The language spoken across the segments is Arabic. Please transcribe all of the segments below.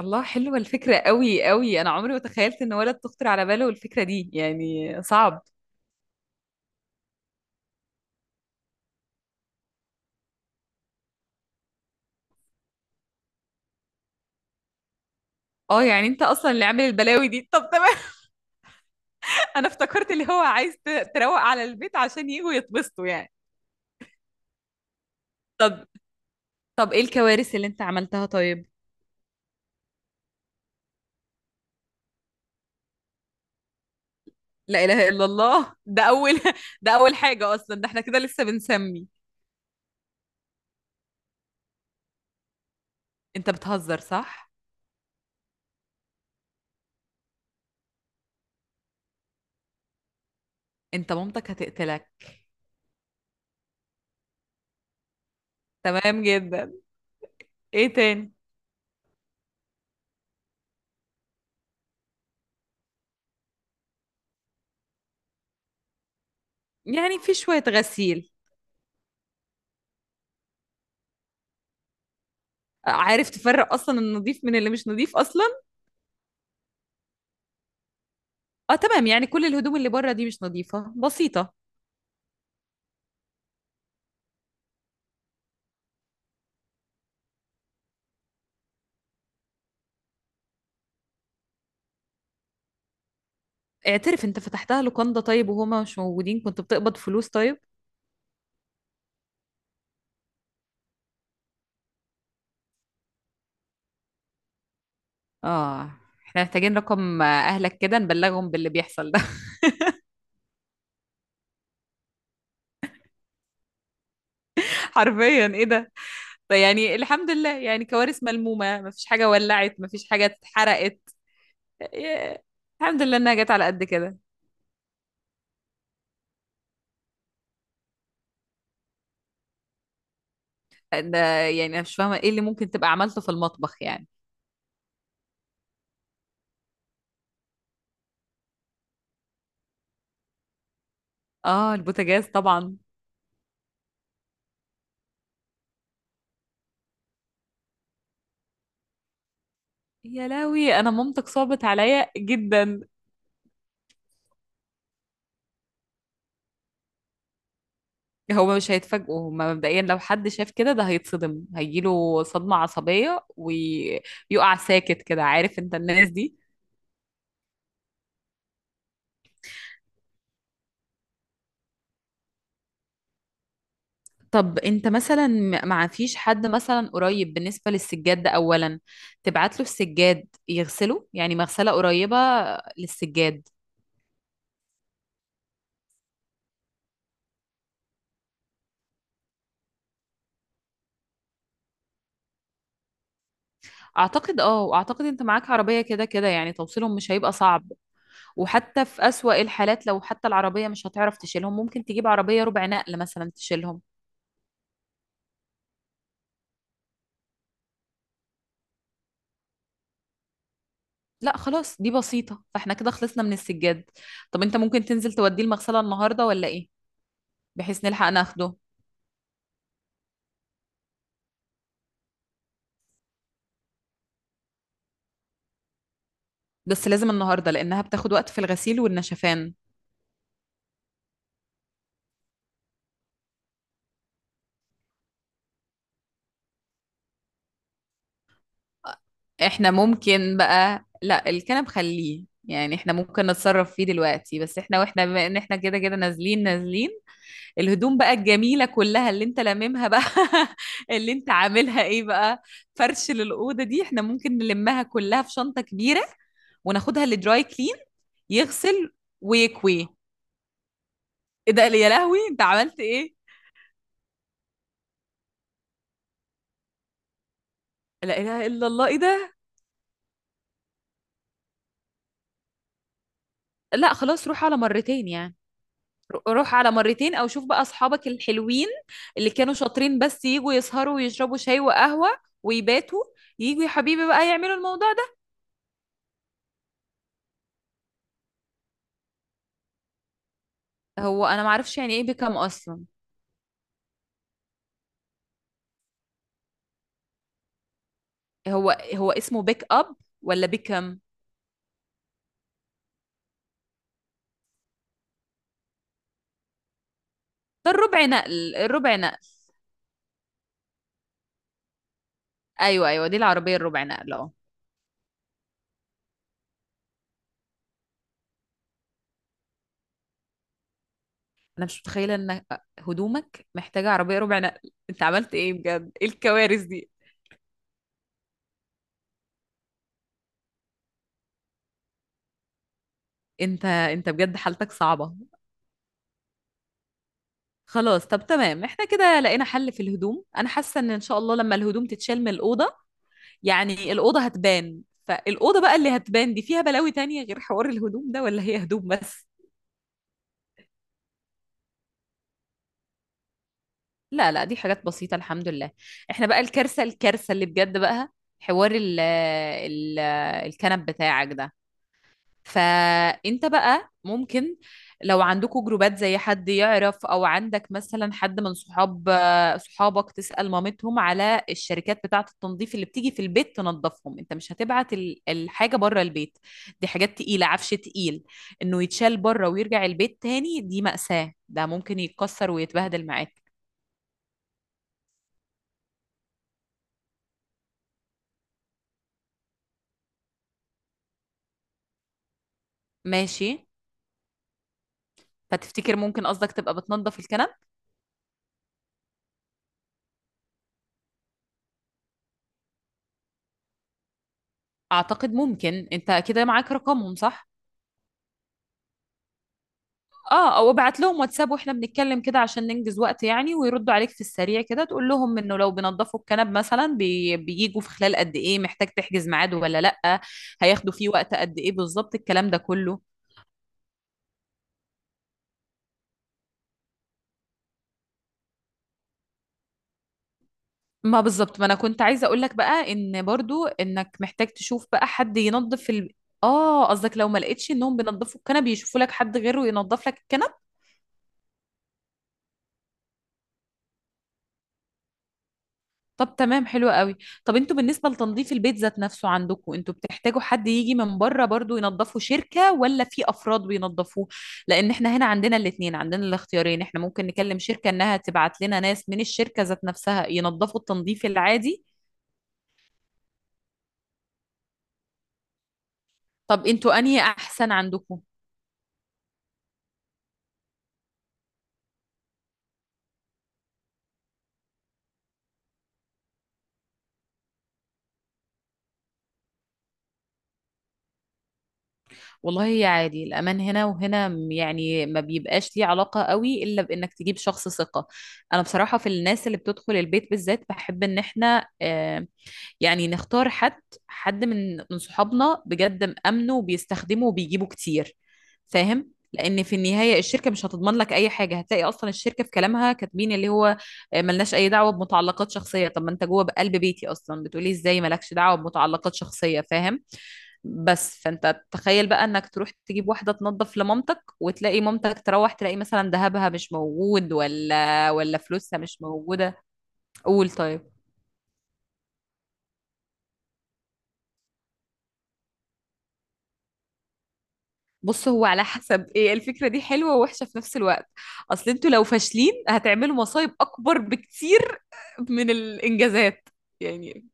الله، حلوة الفكرة قوي قوي. أنا عمري ما تخيلت إن ولد تخطر على باله الفكرة دي، يعني صعب. اه، يعني انت اصلا اللي عامل البلاوي دي. طب تمام. انا افتكرت اللي هو عايز تروق على البيت عشان يجوا يتبسطوا يعني. طب طب، ايه الكوارث اللي انت عملتها؟ طيب. لا اله الا الله، ده اول ده اول حاجة اصلا، ده احنا كده لسه بنسمي. انت بتهزر، صح؟ انت مامتك هتقتلك. تمام جدا. ايه تاني؟ يعني في شوية غسيل. عارف تفرق اصلا النظيف من اللي مش نظيف اصلا؟ اه تمام، يعني كل الهدوم اللي بره دي مش نظيفة، بسيطة. اعترف، انت فتحتها لوكاندا طيب وهما مش موجودين؟ كنت بتقبض فلوس؟ طيب. اه. احنا محتاجين رقم اهلك كده نبلغهم باللي بيحصل ده. حرفيا ايه ده؟ طيب يعني الحمد لله، يعني كوارث ملمومة، مفيش حاجة ولعت، مفيش حاجة اتحرقت. ياه. الحمد لله انها جت على قد كده. ده. يعني انا مش فاهمة ايه اللي ممكن تبقى عملته في المطبخ يعني. اه، البوتاجاز طبعا. يا لهوي، انا مامتك صعبت عليا جدا. هو مش هيتفاجئوا، هما مبدئيا لو حد شاف كده ده هيتصدم، هيجيله صدمة عصبية ويقع ساكت كده، عارف انت الناس دي. طب انت مثلا ما فيش حد مثلا قريب؟ بالنسبة للسجاد ده اولا، تبعت له السجاد يغسله، يعني مغسلة قريبة للسجاد. اعتقد اه، واعتقد انت معاك عربية كده كده، يعني توصيلهم مش هيبقى صعب. وحتى في اسوأ الحالات، لو حتى العربية مش هتعرف تشيلهم، ممكن تجيب عربية ربع نقل مثلا تشيلهم. لا خلاص دي بسيطة، فاحنا كده خلصنا من السجاد. طب انت ممكن تنزل توديه المغسلة النهاردة ولا ايه؟ بحيث نلحق ناخده. بس لازم النهاردة لانها بتاخد وقت في الغسيل والنشفان. احنا ممكن بقى، لا الكنب خليه يعني احنا ممكن نتصرف فيه دلوقتي، بس احنا واحنا بما ان احنا كده كده نازلين نازلين، الهدوم بقى الجميلة كلها اللي انت لاممها بقى، اللي انت عاملها ايه بقى، فرش للأوضة دي احنا ممكن نلمها كلها في شنطة كبيرة وناخدها لدراي كلين. يغسل ويكوي. ايه ده يا لهوي، انت عملت ايه؟ لا اله الا الله، ايه ده؟ لا خلاص روح على مرتين يعني. روح على مرتين، او شوف بقى اصحابك الحلوين اللي كانوا شاطرين بس يجوا يسهروا ويشربوا شاي وقهوة ويباتوا، يجوا يا حبيبي بقى يعملوا الموضوع ده. هو انا معرفش يعني ايه بيكم اصلا؟ هو هو اسمه بيك اب ولا بيكم؟ ده الربع نقل الربع نقل. ايوه، ايوه، دي العربيه الربع نقل اه. انا مش متخيله ان هدومك محتاجه عربيه ربع نقل، انت عملت ايه بجد؟ ايه الكوارث دي؟ انت بجد حالتك صعبه. خلاص طب تمام، احنا كده لقينا حل في الهدوم. انا حاسه ان ان شاء الله لما الهدوم تتشال من الاوضه، يعني الاوضه هتبان. فالاوضه بقى اللي هتبان دي فيها بلاوي تانية غير حوار الهدوم ده، ولا هي هدوم بس؟ لا، لا، دي حاجات بسيطة، الحمد لله. احنا بقى الكارثة الكارثة اللي بجد بقى، حوار ال الكنب بتاعك ده. فانت بقى ممكن، لو عندكوا جروبات زي حد يعرف، او عندك مثلا حد من صحابك تسأل مامتهم على الشركات بتاعة التنظيف اللي بتيجي في البيت تنظفهم. انت مش هتبعت الحاجة بره البيت، دي حاجات تقيلة، عفش تقيل، انه يتشال بره ويرجع البيت تاني، دي مأساة. ده ممكن يتكسر ويتبهدل معاك. ماشي. فتفتكر ممكن قصدك تبقى بتنظف الكنب؟ اعتقد ممكن. انت كده معاك رقمهم، صح؟ اه، او ابعت لهم واتساب واحنا بنتكلم كده عشان ننجز وقت يعني، ويردوا عليك في السريع كده. تقول لهم انه لو بينضفوا الكنب مثلا، بيجوا في خلال قد ايه؟ محتاج تحجز ميعاد ولا لا؟ هياخدوا فيه وقت قد ايه بالظبط، الكلام ده كله. ما بالظبط، ما انا كنت عايزه اقول لك بقى ان برضو انك محتاج تشوف بقى حد ينظف. اه قصدك لو ما لقيتش انهم بينظفوا الكنب يشوفوا لك حد غيره ينظف لك الكنب. طب تمام، حلو قوي. طب انتوا بالنسبة لتنظيف البيت ذات نفسه، عندكم انتوا بتحتاجوا حد يجي من بره برضو ينظفوا، شركة ولا في افراد بينظفوه؟ لان احنا هنا عندنا الاتنين، عندنا الاختيارين، احنا ممكن نكلم شركة انها تبعت لنا ناس من الشركة ذات نفسها ينظفوا التنظيف العادي. طب انتوا انهي احسن عندكم؟ والله هي عادي، الأمان هنا وهنا يعني ما بيبقاش ليه علاقة قوي إلا بإنك تجيب شخص ثقة. أنا بصراحة في الناس اللي بتدخل البيت بالذات بحب إن إحنا يعني نختار حد، حد من صحابنا بجد مأمنه وبيستخدمه وبيجيبه كتير. فاهم؟ لان في النهايه الشركه مش هتضمن لك اي حاجه، هتلاقي اصلا الشركه في كلامها كاتبين اللي هو ملناش اي دعوه بمتعلقات شخصيه. طب ما انت جوه بقلب بيتي اصلا بتقولي ازاي مالكش دعوه بمتعلقات شخصيه؟ فاهم؟ بس فانت تخيل بقى انك تروح تجيب واحده تنظف لمامتك، وتلاقي مامتك تروح تلاقي مثلا ذهبها مش موجود، ولا فلوسها مش موجوده. قول طيب. بص هو على حسب، ايه الفكرة دي حلوة ووحشة في نفس الوقت. اصل انتوا لو فاشلين هتعملوا مصايب اكبر بكتير من الانجازات. يعني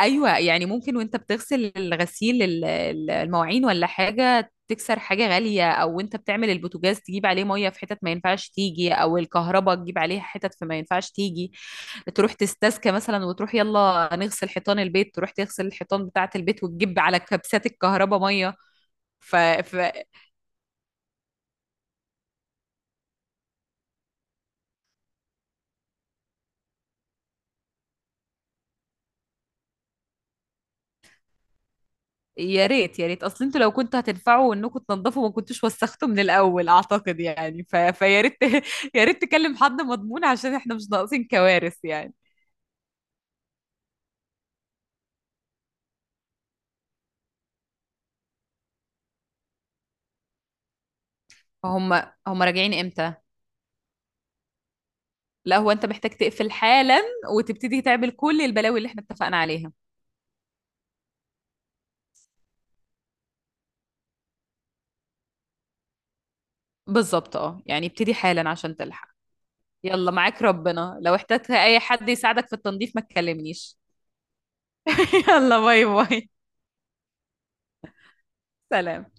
ايوه، يعني ممكن وانت بتغسل الغسيل المواعين ولا حاجة تكسر حاجة غالية، او انت بتعمل البوتاجاز تجيب عليه مية في حتت ما ينفعش تيجي، او الكهرباء تجيب عليها حتت في ما ينفعش تيجي. تروح تستسكى مثلا، وتروح يلا نغسل حيطان البيت، تروح تغسل الحيطان بتاعة البيت وتجيب على كبسات الكهرباء مية. ف... ف... يا ريت يا ريت، اصل انتوا لو كنتوا هتنفعوا انكم تنضفوا ما كنتوش وسختوا من الاول، اعتقد يعني فيا ريت. يا ريت تكلم حد مضمون عشان احنا مش ناقصين كوارث يعني. هم هم راجعين امتى؟ لا هو انت محتاج تقفل حالا وتبتدي تعمل كل البلاوي اللي احنا اتفقنا عليها. بالظبط اه، يعني ابتدي حالا عشان تلحق. يلا معاك ربنا، لو احتجت اي حد يساعدك في التنظيف ما تكلمنيش. يلا باي باي. سلام.